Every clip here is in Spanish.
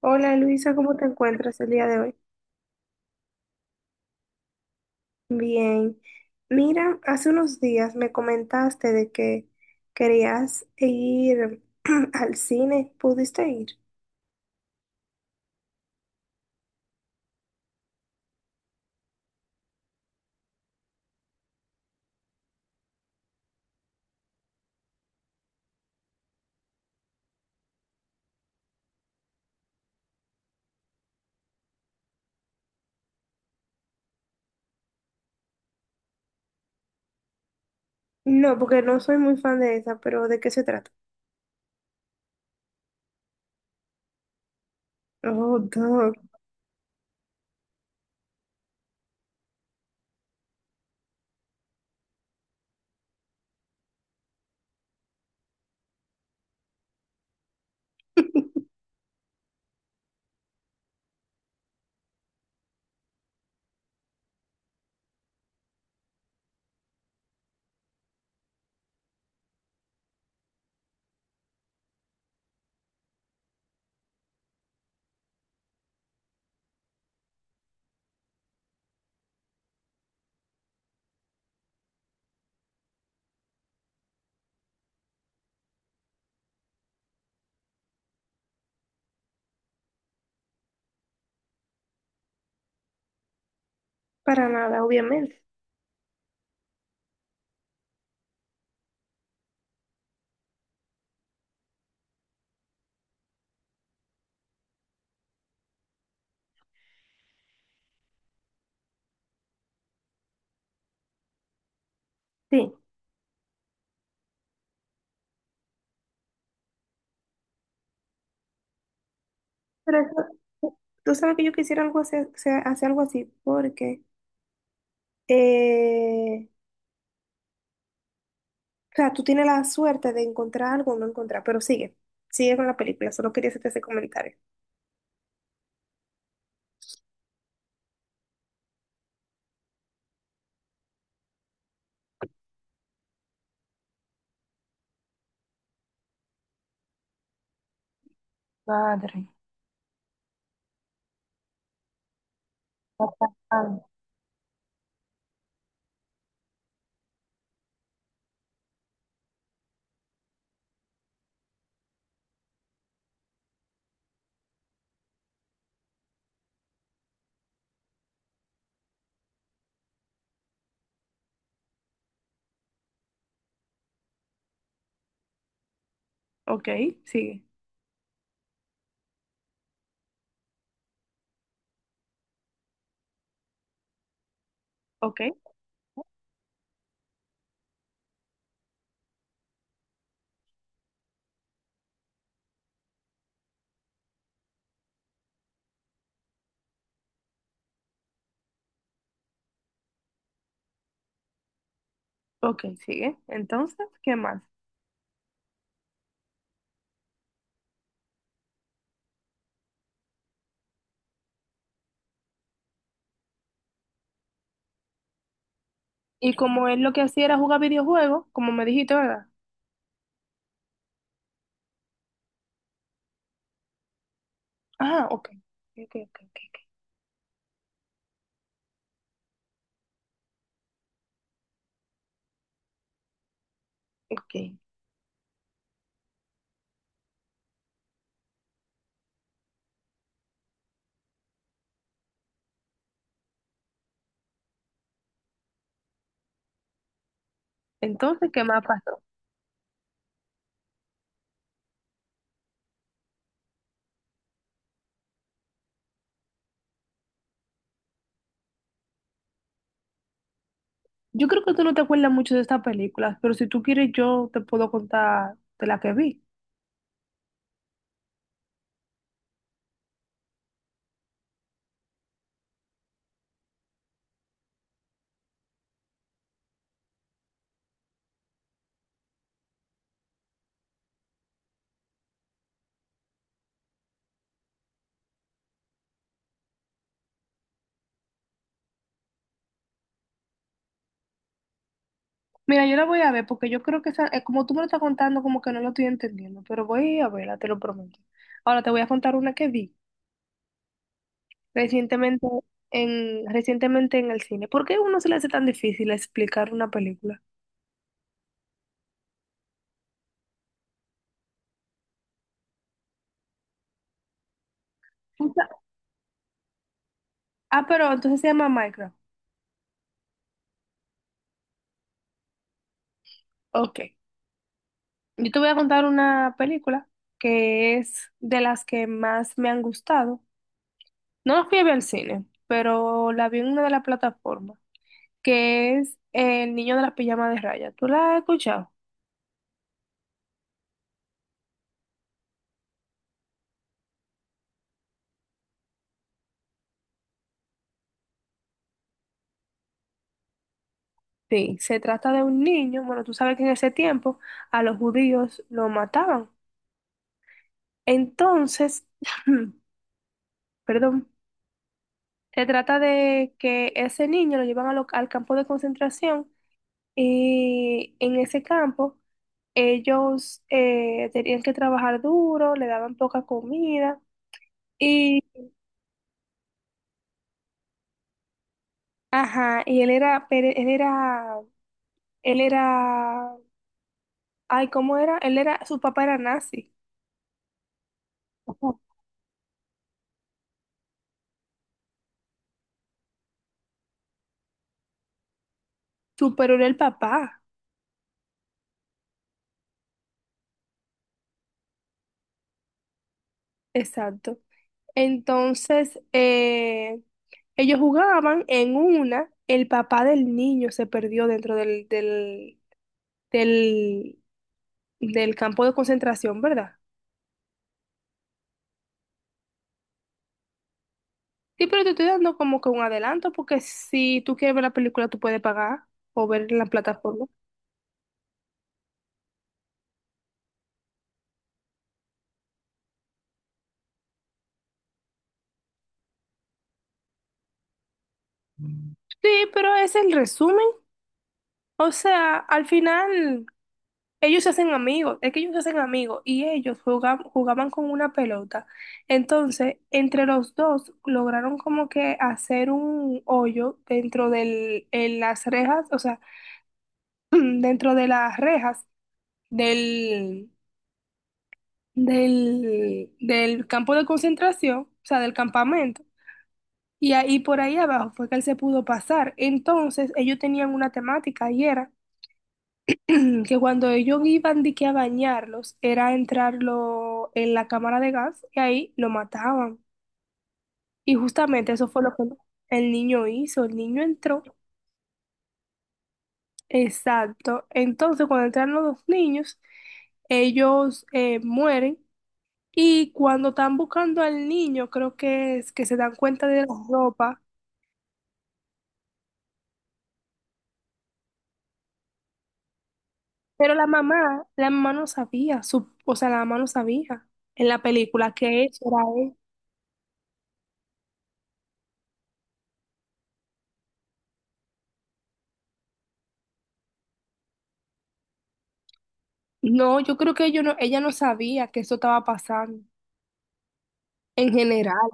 Hola Luisa, ¿cómo te encuentras el día de hoy? Bien. Mira, hace unos días me comentaste de que querías ir al cine. ¿Pudiste ir? No, porque no soy muy fan de esa, pero ¿de qué se trata? Oh, dog. Para nada, obviamente. Sí. Pero tú sabes que yo quisiera algo así, o sea, hacer algo así, porque, eh, o sea, tú tienes la suerte de encontrar algo o no encontrar, pero sigue, sigue con la película, solo quería hacerte ese comentario. Padre. Ah, ok, sigue. Ok, ok, sigue. Entonces, ¿qué más? Y como él lo que hacía era jugar videojuegos, como me dijiste, ¿verdad? Ah, ok. Ok, ok, ok, ok. Ok. Entonces, ¿qué más pasó? Yo creo que tú no te acuerdas mucho de estas películas, pero si tú quieres, yo te puedo contar de la que vi. Mira, yo la voy a ver porque yo creo que como tú me lo estás contando, como que no lo estoy entendiendo, pero voy a verla, te lo prometo. Ahora te voy a contar una que vi. Recientemente recientemente en el cine. ¿Por qué a uno se le hace tan difícil explicar una película? O sea, ah, pero entonces se llama Minecraft. Ok. Yo te voy a contar una película que es de las que más me han gustado. No la fui a ver al cine, pero la vi en una de las plataformas, que es El niño de la pijama de raya. ¿Tú la has escuchado? Sí, se trata de un niño. Bueno, tú sabes que en ese tiempo a los judíos lo mataban. Entonces, perdón. Se trata de que ese niño lo llevan a al campo de concentración y en ese campo ellos tenían que trabajar duro, le daban poca comida y, ajá, y él era, él era, ay, ¿cómo era? Él era, su papá era nazi. Ujú. Pero era el papá, exacto. Entonces, ellos jugaban. El papá del niño se perdió dentro del, del campo de concentración, ¿verdad? Sí, pero te estoy dando como que un adelanto, porque si tú quieres ver la película, tú puedes pagar o ver en la plataforma. Sí, pero es el resumen. O sea, al final ellos se hacen amigos, es que ellos se hacen amigos y ellos jugaban, jugaban con una pelota. Entonces, entre los dos lograron como que hacer un hoyo dentro en las rejas, o sea, dentro de las rejas del, del campo de concentración, o sea, del campamento. Y ahí por ahí abajo fue que él se pudo pasar. Entonces, ellos tenían una temática y era que cuando ellos iban de que a bañarlos, era entrarlo en la cámara de gas y ahí lo mataban. Y justamente eso fue lo que el niño hizo. El niño entró. Exacto. Entonces, cuando entraron los dos niños, ellos mueren. Y cuando están buscando al niño, creo que es que se dan cuenta de la ropa, pero la mamá no sabía, o sea, la mamá no sabía en la película que eso era él. No, yo creo que ellos no, ella no sabía que eso estaba pasando en general.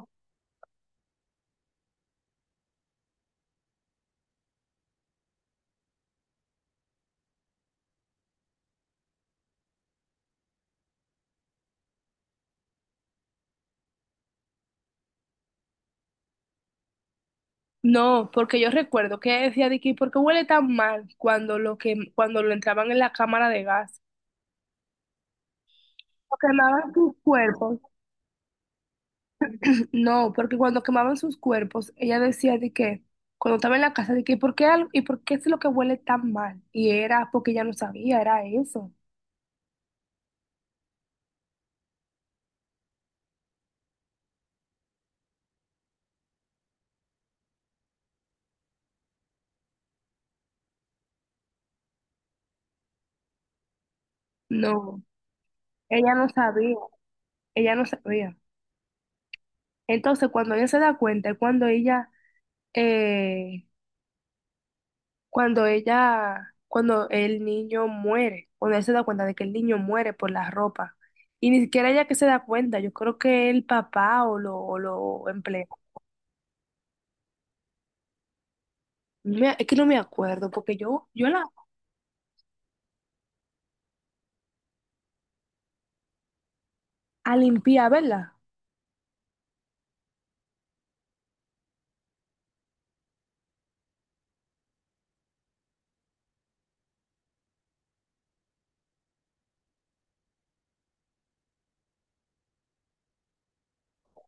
No, porque yo recuerdo que ella decía de que ¿por qué huele tan mal cuando lo entraban en la cámara de gas? Porque quemaban sus cuerpos. No, porque cuando quemaban sus cuerpos, ella decía de que, cuando estaba en la casa, de que, y por qué es lo que huele tan mal? Y era porque ella no sabía, era eso. No, ella no sabía, ella no sabía. Entonces, cuando ella se da cuenta, es eh, cuando el niño muere, cuando ella se da cuenta de que el niño muere por la ropa. Y ni siquiera ella que se da cuenta, yo creo que el papá o lo emplea. Es que no me acuerdo, porque yo la a limpiar, ¿verdad?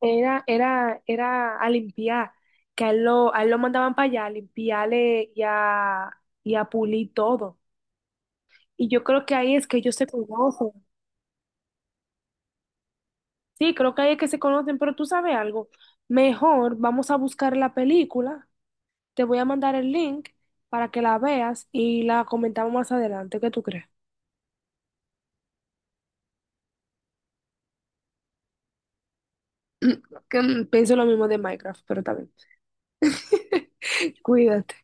Era a limpiar, que a él lo mandaban para allá a limpiarle y a pulir todo. Y yo creo que ahí es que ellos se conocen. Sí, creo que ahí es que se conocen, pero tú sabes algo, mejor vamos a buscar la película, te voy a mandar el link para que la veas y la comentamos más adelante, ¿qué tú crees? Pienso lo mismo de Minecraft, pero también. Cuídate.